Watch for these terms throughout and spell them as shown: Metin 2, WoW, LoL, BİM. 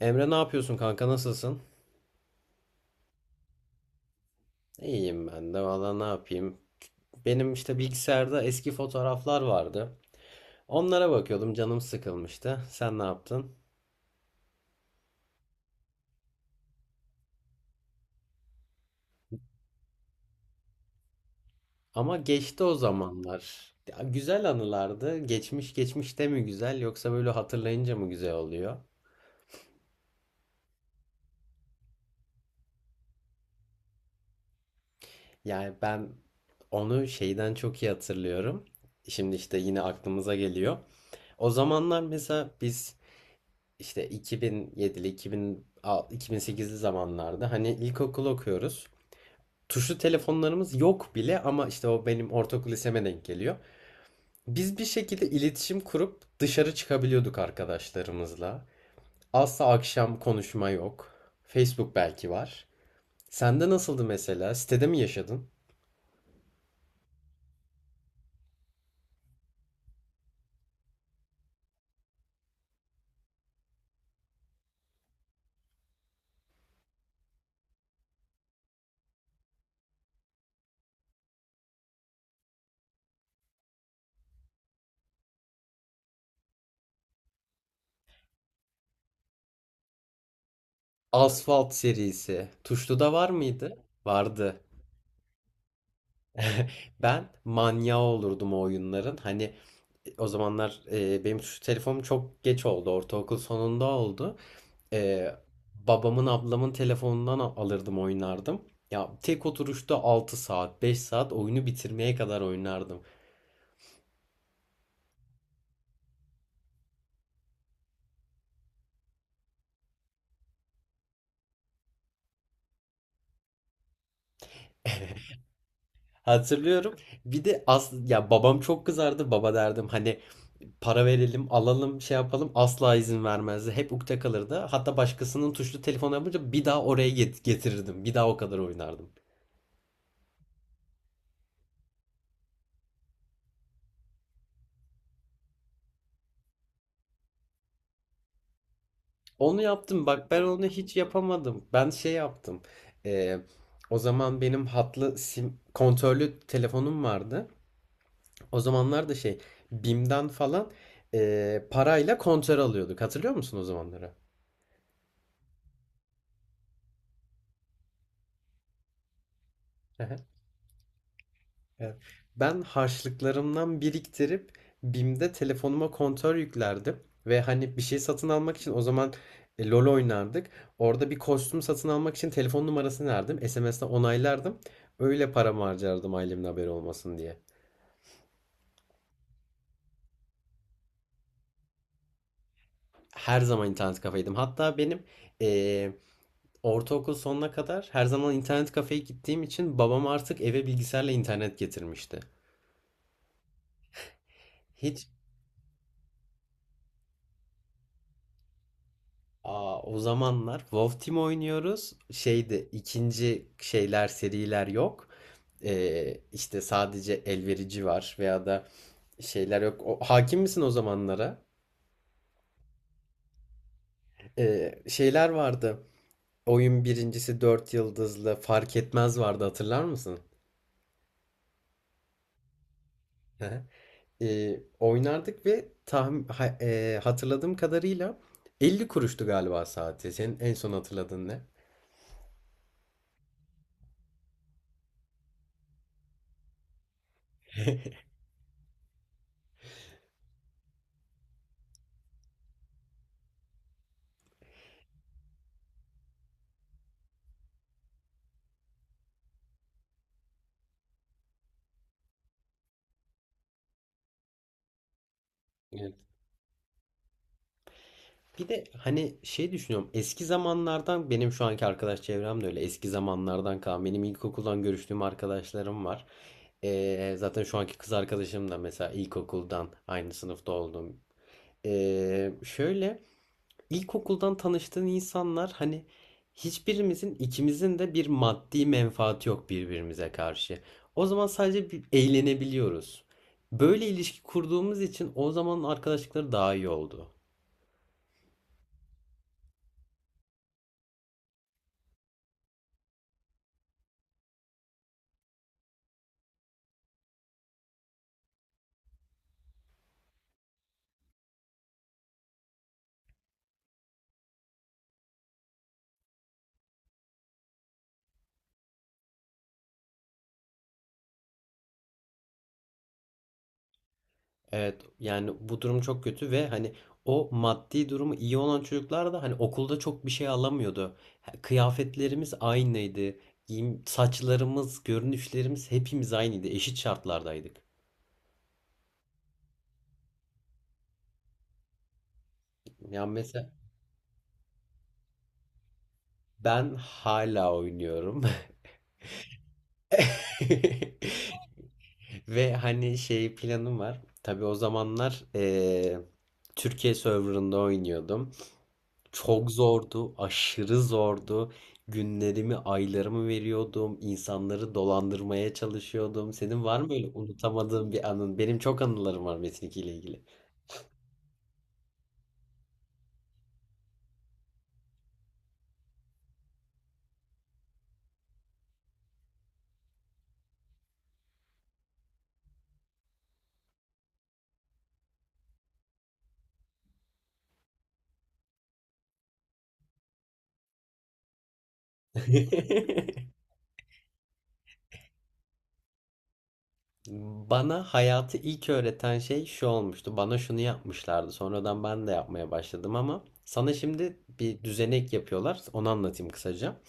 Emre ne yapıyorsun kanka, nasılsın? İyiyim ben de valla, ne yapayım. Benim işte bilgisayarda eski fotoğraflar vardı. Onlara bakıyordum, canım sıkılmıştı. Sen ne yaptın? Ama geçti o zamanlar. Ya, güzel anılardı. Geçmiş geçmiş de mi güzel, yoksa böyle hatırlayınca mı güzel oluyor? Yani ben onu şeyden çok iyi hatırlıyorum. Şimdi işte yine aklımıza geliyor. O zamanlar mesela biz işte 2007'li, 2006, 2008'li zamanlarda hani ilkokul okuyoruz. Tuşlu telefonlarımız yok bile ama işte o benim ortaokul liseme denk geliyor. Biz bir şekilde iletişim kurup dışarı çıkabiliyorduk arkadaşlarımızla. Asla akşam konuşma yok. Facebook belki var. Sende nasıldı mesela? Sitede mi yaşadın? Asfalt serisi. Tuşlu'da var mıydı? Vardı. Ben manyağı olurdum o oyunların. Hani o zamanlar benim şu telefonum çok geç oldu. Ortaokul sonunda oldu. E, Babamın ablamın telefonundan alırdım, oynardım. Ya tek oturuşta 6 saat 5 saat oyunu bitirmeye kadar oynardım. Hatırlıyorum. Bir de as ya, babam çok kızardı. Baba derdim, hani para verelim, alalım, şey yapalım. Asla izin vermezdi. Hep ukde kalırdı. Hatta başkasının tuşlu telefonu yapınca bir daha oraya getirirdim. Bir daha o kadar oynardım. Onu yaptım. Bak, ben onu hiç yapamadım. Ben şey yaptım. Ee, O zaman benim hatlı sim kontörlü telefonum vardı. O zamanlar da şey, BİM'den falan parayla kontör alıyorduk. Hatırlıyor musun o zamanları? Evet. Ben harçlıklarımdan biriktirip BİM'de telefonuma kontör yüklerdim. Ve hani bir şey satın almak için o zaman LoL oynardık. Orada bir kostüm satın almak için telefon numarasını verdim. SMS'le onaylardım. Öyle paramı harcardım, ailemin haberi olmasın diye. Her zaman internet kafeydim. Hatta benim e, ortaokul sonuna kadar her zaman internet kafeye gittiğim için babam artık eve bilgisayarla internet getirmişti. Hiç Aa, o zamanlar WoW Team oynuyoruz. Şeyde ikinci şeyler, seriler yok. İşte sadece elverici var veya da şeyler yok. O, hakim misin o zamanlara? Şeyler vardı. Oyun birincisi, 4 yıldızlı fark etmez vardı, hatırlar mısın? Oynardık ve tahmin, hatırladığım kadarıyla 50 kuruştu galiba saati. Senin en son hatırladığın ne? Bir de hani şey düşünüyorum, eski zamanlardan benim şu anki arkadaş çevrem de öyle eski zamanlardan kalan, benim ilkokuldan görüştüğüm arkadaşlarım var. Zaten şu anki kız arkadaşım da mesela ilkokuldan aynı sınıfta olduğum. Şöyle, ilkokuldan tanıştığın insanlar, hani hiçbirimizin, ikimizin de bir maddi menfaati yok birbirimize karşı. O zaman sadece bir eğlenebiliyoruz. Böyle ilişki kurduğumuz için o zaman arkadaşlıkları daha iyi oldu. Evet, yani bu durum çok kötü ve hani o maddi durumu iyi olan çocuklar da hani okulda çok bir şey alamıyordu. Kıyafetlerimiz aynıydı. Giyim, saçlarımız, görünüşlerimiz hepimiz aynıydı. Eşit şartlardaydık. Yani mesela ben hala oynuyorum. Ve hani şey, planım var. Tabii o zamanlar Türkiye serverında oynuyordum. Çok zordu, aşırı zordu. Günlerimi, aylarımı veriyordum. İnsanları dolandırmaya çalışıyordum. Senin var mı böyle unutamadığın bir anın? Benim çok anılarım var Metin 2 ile ilgili. Bana hayatı ilk öğreten şey şu olmuştu. Bana şunu yapmışlardı. Sonradan ben de yapmaya başladım ama sana şimdi bir düzenek yapıyorlar. Onu anlatayım kısaca.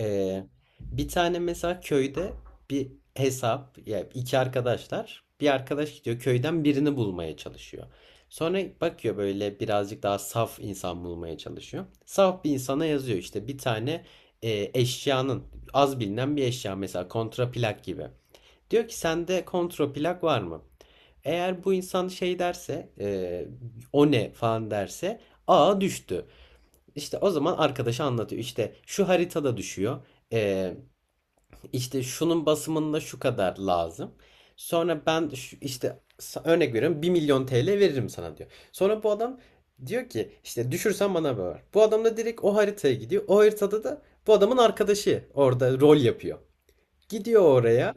Ee, Bir tane mesela köyde bir hesap, ya iki arkadaşlar, bir arkadaş gidiyor köyden birini bulmaya çalışıyor. Sonra bakıyor böyle birazcık daha saf insan bulmaya çalışıyor. Saf bir insana yazıyor, işte bir tane eşyanın, az bilinen bir eşya, mesela kontraplak gibi. Diyor ki sende kontraplak var mı? Eğer bu insan şey derse, o ne falan derse, aa düştü. İşte o zaman arkadaşı anlatıyor. İşte şu haritada düşüyor. Ee, işte şunun basımında şu kadar lazım. Sonra ben örnek veriyorum, 1 milyon TL veririm sana diyor. Sonra bu adam diyor ki işte düşürsen bana ver. Bu adam da direkt o haritaya gidiyor. O haritada da bu adamın arkadaşı orada rol yapıyor. Gidiyor oraya.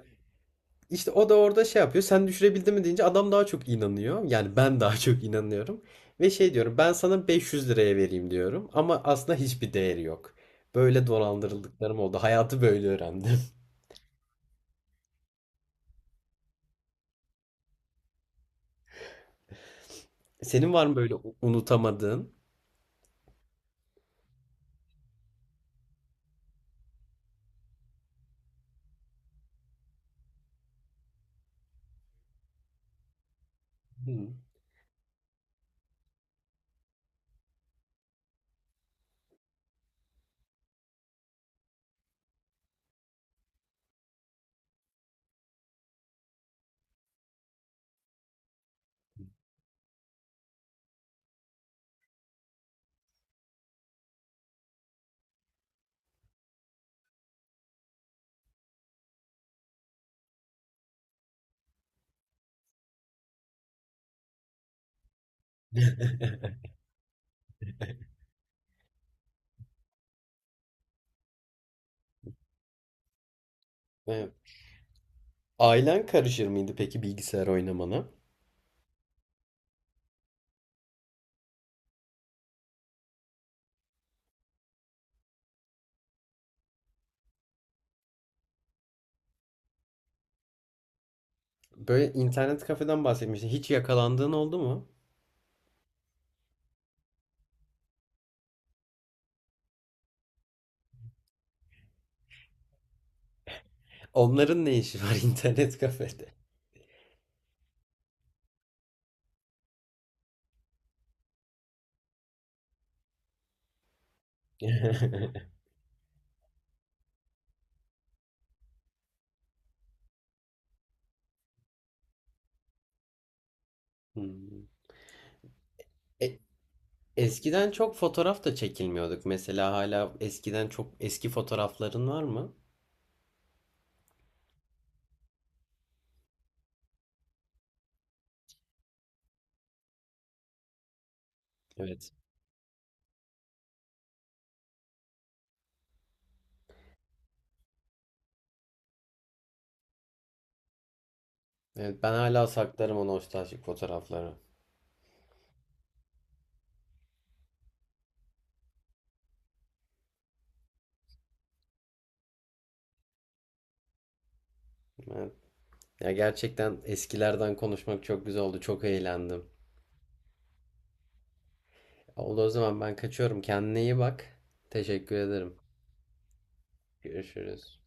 İşte o da orada şey yapıyor. Sen düşürebildin mi deyince adam daha çok inanıyor. Yani ben daha çok inanıyorum. Ve şey diyorum, ben sana 500 liraya vereyim diyorum. Ama aslında hiçbir değeri yok. Böyle dolandırıldıklarım oldu. Hayatı böyle öğrendim. Senin var mı böyle unutamadığın? Hı. Evet. Ailen karışır mıydı peki bilgisayar oynamana? Böyle internet kafeden bahsetmiştin. Hiç yakalandığın oldu mu? Onların ne işi var internet kafede? Hmm. E, Eskiden çok fotoğraf da çekilmiyorduk. Mesela hala eskiden çok eski fotoğrafların var mı? Evet. Evet, ben hala saklarım o nostaljik fotoğrafları. Evet. Ya gerçekten eskilerden konuşmak çok güzel oldu. Çok eğlendim. Oldu, o zaman ben kaçıyorum. Kendine iyi bak. Teşekkür ederim. Görüşürüz.